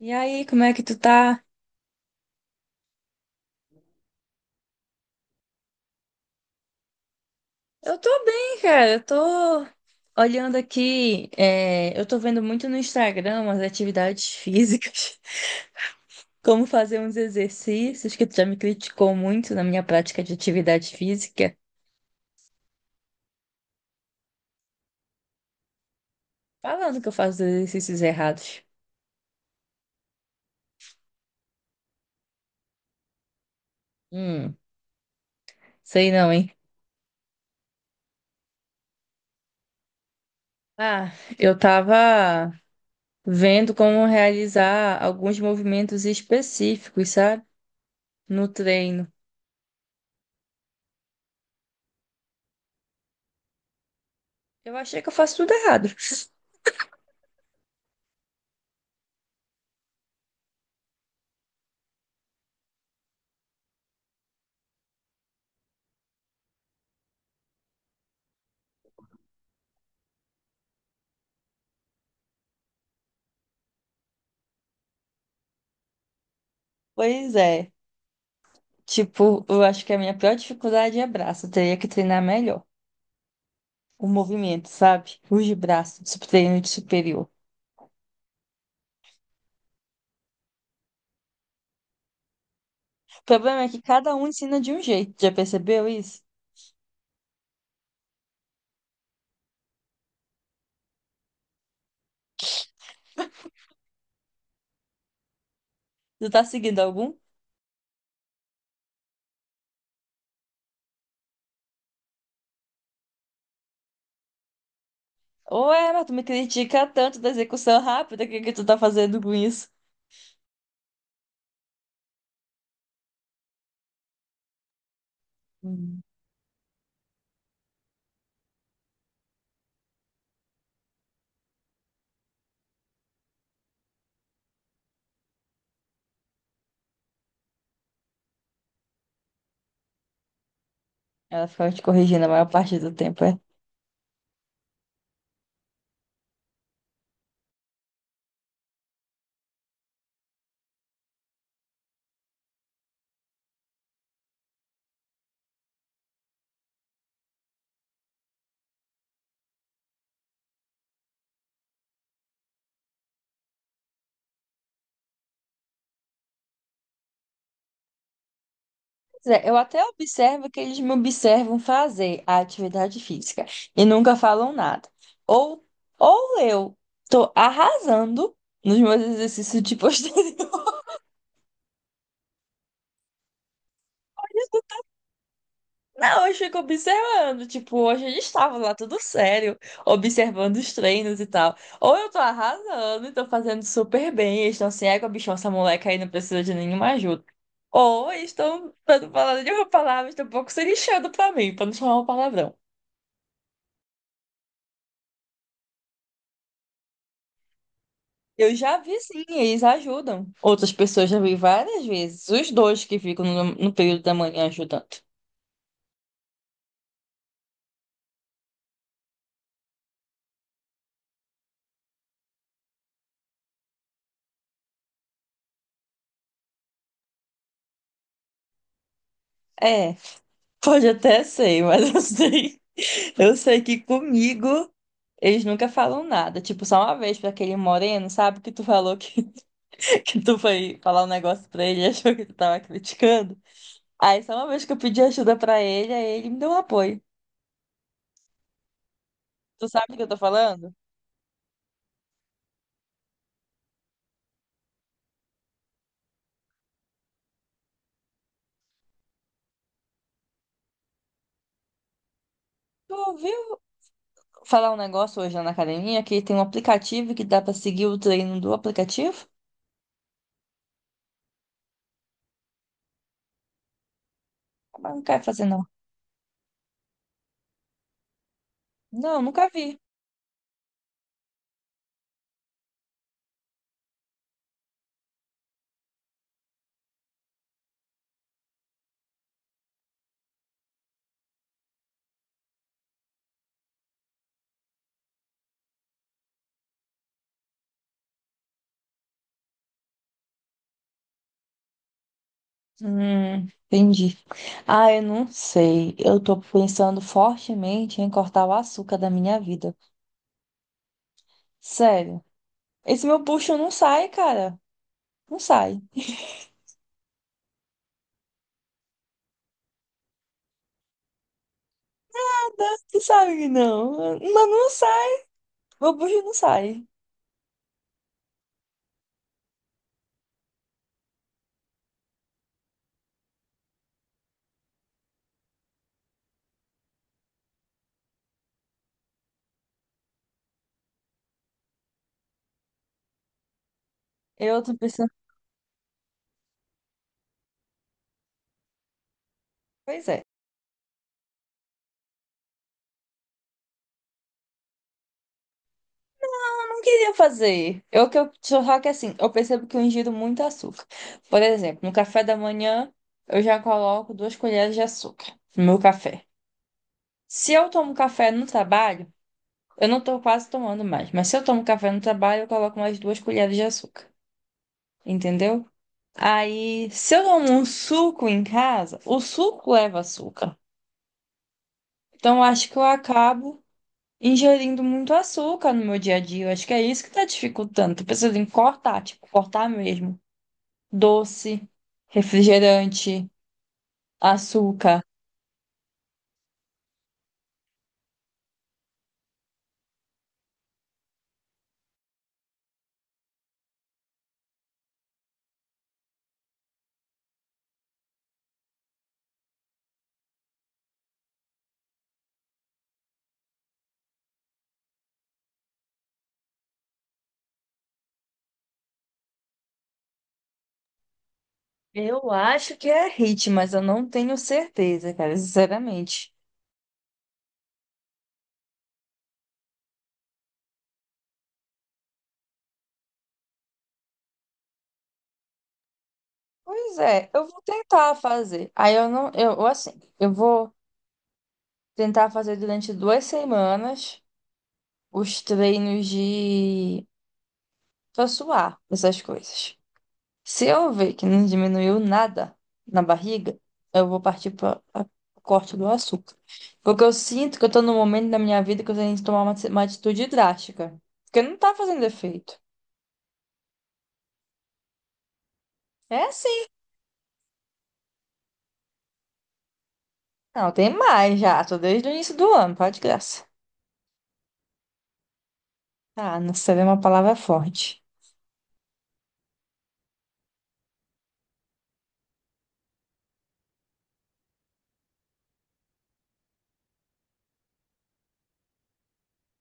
E aí, como é que tu tá? Eu tô bem, cara. Eu tô olhando aqui, eu tô vendo muito no Instagram umas atividades físicas, como fazer uns exercícios, que tu já me criticou muito na minha prática de atividade física, falando que eu faço exercícios errados. Hum, sei não, hein? Ah, eu tava vendo como realizar alguns movimentos específicos, sabe? No treino. Eu achei que eu faço tudo errado. Pois é. Tipo, eu acho que a minha pior dificuldade é braço. Eu teria que treinar melhor o movimento, sabe? Os de braço, de treino de superior. O problema é que cada um ensina de um jeito. Já percebeu isso? Tu tá seguindo algum? Ou é, mas tu me critica tanto da execução rápida, o que que tu tá fazendo com isso? Hum. Ela ficava te corrigindo a maior parte do tempo. É. Pois é, eu até observo que eles me observam fazer a atividade física e nunca falam nada. Ou, ou eu tô arrasando nos meus exercícios de posterior. Não, eu fico observando. Tipo, hoje eles estavam lá tudo sério, observando os treinos e tal. Ou eu tô arrasando e tô fazendo super bem. Eles estão assim, é, bichão, essa moleca aí não precisa de nenhuma ajuda. Ou eles estão, pra não falar nenhuma palavra, estão um pouco se lixando pra mim, pra não chamar um palavrão. Eu já vi sim, eles ajudam. Outras pessoas já vi várias vezes. Os dois que ficam no período da manhã ajudando. É, pode até ser, mas eu sei. Eu sei que comigo eles nunca falam nada. Tipo, só uma vez pra aquele moreno, sabe? Que tu falou que, que tu foi falar um negócio pra ele e achou que tu tava criticando. Aí só uma vez que eu pedi ajuda pra ele, aí ele me deu um apoio. Tu sabe o que eu tô falando? Tu ouviu falar um negócio hoje lá na academia que tem um aplicativo que dá pra seguir o treino do aplicativo? Mas não quero fazer, não. Não, nunca vi. Entendi. Ah, eu não sei. Eu tô pensando fortemente em cortar o açúcar da minha vida. Sério. Esse meu bucho não sai, cara. Não sai. Não sai, não. Mas não sai. Meu bucho não sai. Eu tô pensando. Pois é. Não queria fazer. Eu que eu só que assim, eu percebo que eu ingiro muito açúcar. Por exemplo, no café da manhã, eu já coloco 2 colheres de açúcar no meu café. Se eu tomo café no trabalho, eu não tô quase tomando mais, mas se eu tomo café no trabalho, eu coloco mais 2 colheres de açúcar. Entendeu? Aí, se eu tomo um suco em casa, o suco leva açúcar. Então, eu acho que eu acabo ingerindo muito açúcar no meu dia a dia. Eu acho que é isso que tá dificultando. Tô pensando em cortar, tipo, cortar mesmo. Doce, refrigerante, açúcar. Eu acho que é hit, mas eu não tenho certeza, cara, sinceramente. Pois é, eu vou tentar fazer. Aí eu não, eu, assim, eu vou tentar fazer durante 2 semanas os treinos de pra suar, essas coisas. Se eu ver que não diminuiu nada na barriga, eu vou partir para o corte do açúcar. Porque eu sinto que eu tô num momento da minha vida que eu tenho que tomar uma atitude drástica. Porque não tá fazendo efeito. É assim. Não, tem mais já. Tô desde o início do ano, pode de graça. Ah, não sei, é uma palavra forte.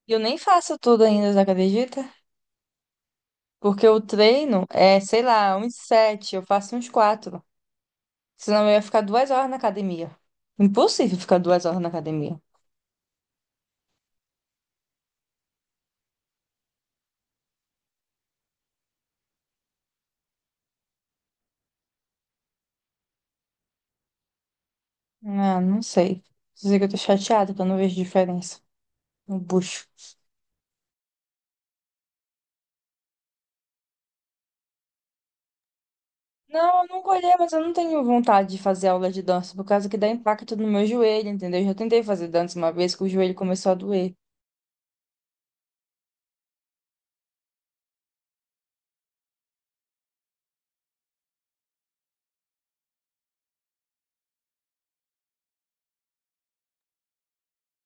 E eu nem faço tudo ainda, você acredita? Porque o treino é, sei lá, uns sete, eu faço uns quatro. Senão eu ia ficar 2 horas na academia. Impossível ficar 2 horas na academia. Ah, não sei. Dizer que eu tô chateada, que eu não vejo diferença no bucho. Não, eu nunca olhei, mas eu não tenho vontade de fazer aula de dança, por causa que dá impacto no meu joelho, entendeu? Eu já tentei fazer dança uma vez que o joelho começou a doer.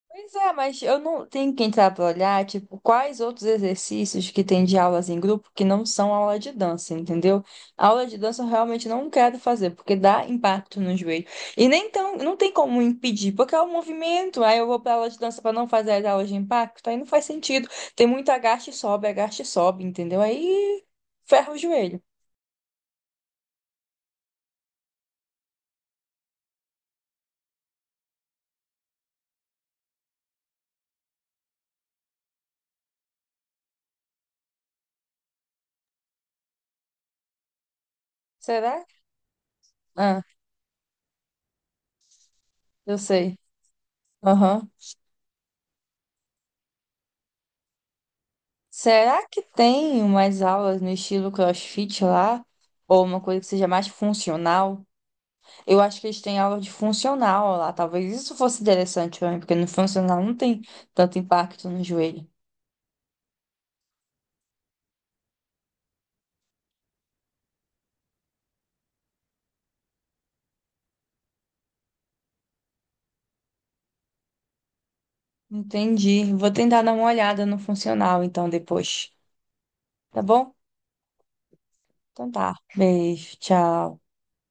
Pois é, mas eu não tenho que entrar para olhar, tipo, quais outros exercícios que tem de aulas em grupo que não são aula de dança, entendeu? Aula de dança eu realmente não quero fazer, porque dá impacto no joelho. E nem tão, não tem como impedir, porque é o movimento. Aí eu vou para aula de dança para não fazer as aulas de impacto, aí não faz sentido. Tem muito agaste e sobe, entendeu? Aí ferra o joelho. Será? Ah, eu sei. Aham. Será que tem umas aulas no estilo CrossFit lá? Ou uma coisa que seja mais funcional? Eu acho que eles têm aula de funcional lá. Talvez isso fosse interessante pra mim, porque no funcional não tem tanto impacto no joelho. Entendi. Vou tentar dar uma olhada no funcional então depois. Tá bom? Então tá. Beijo, tchau.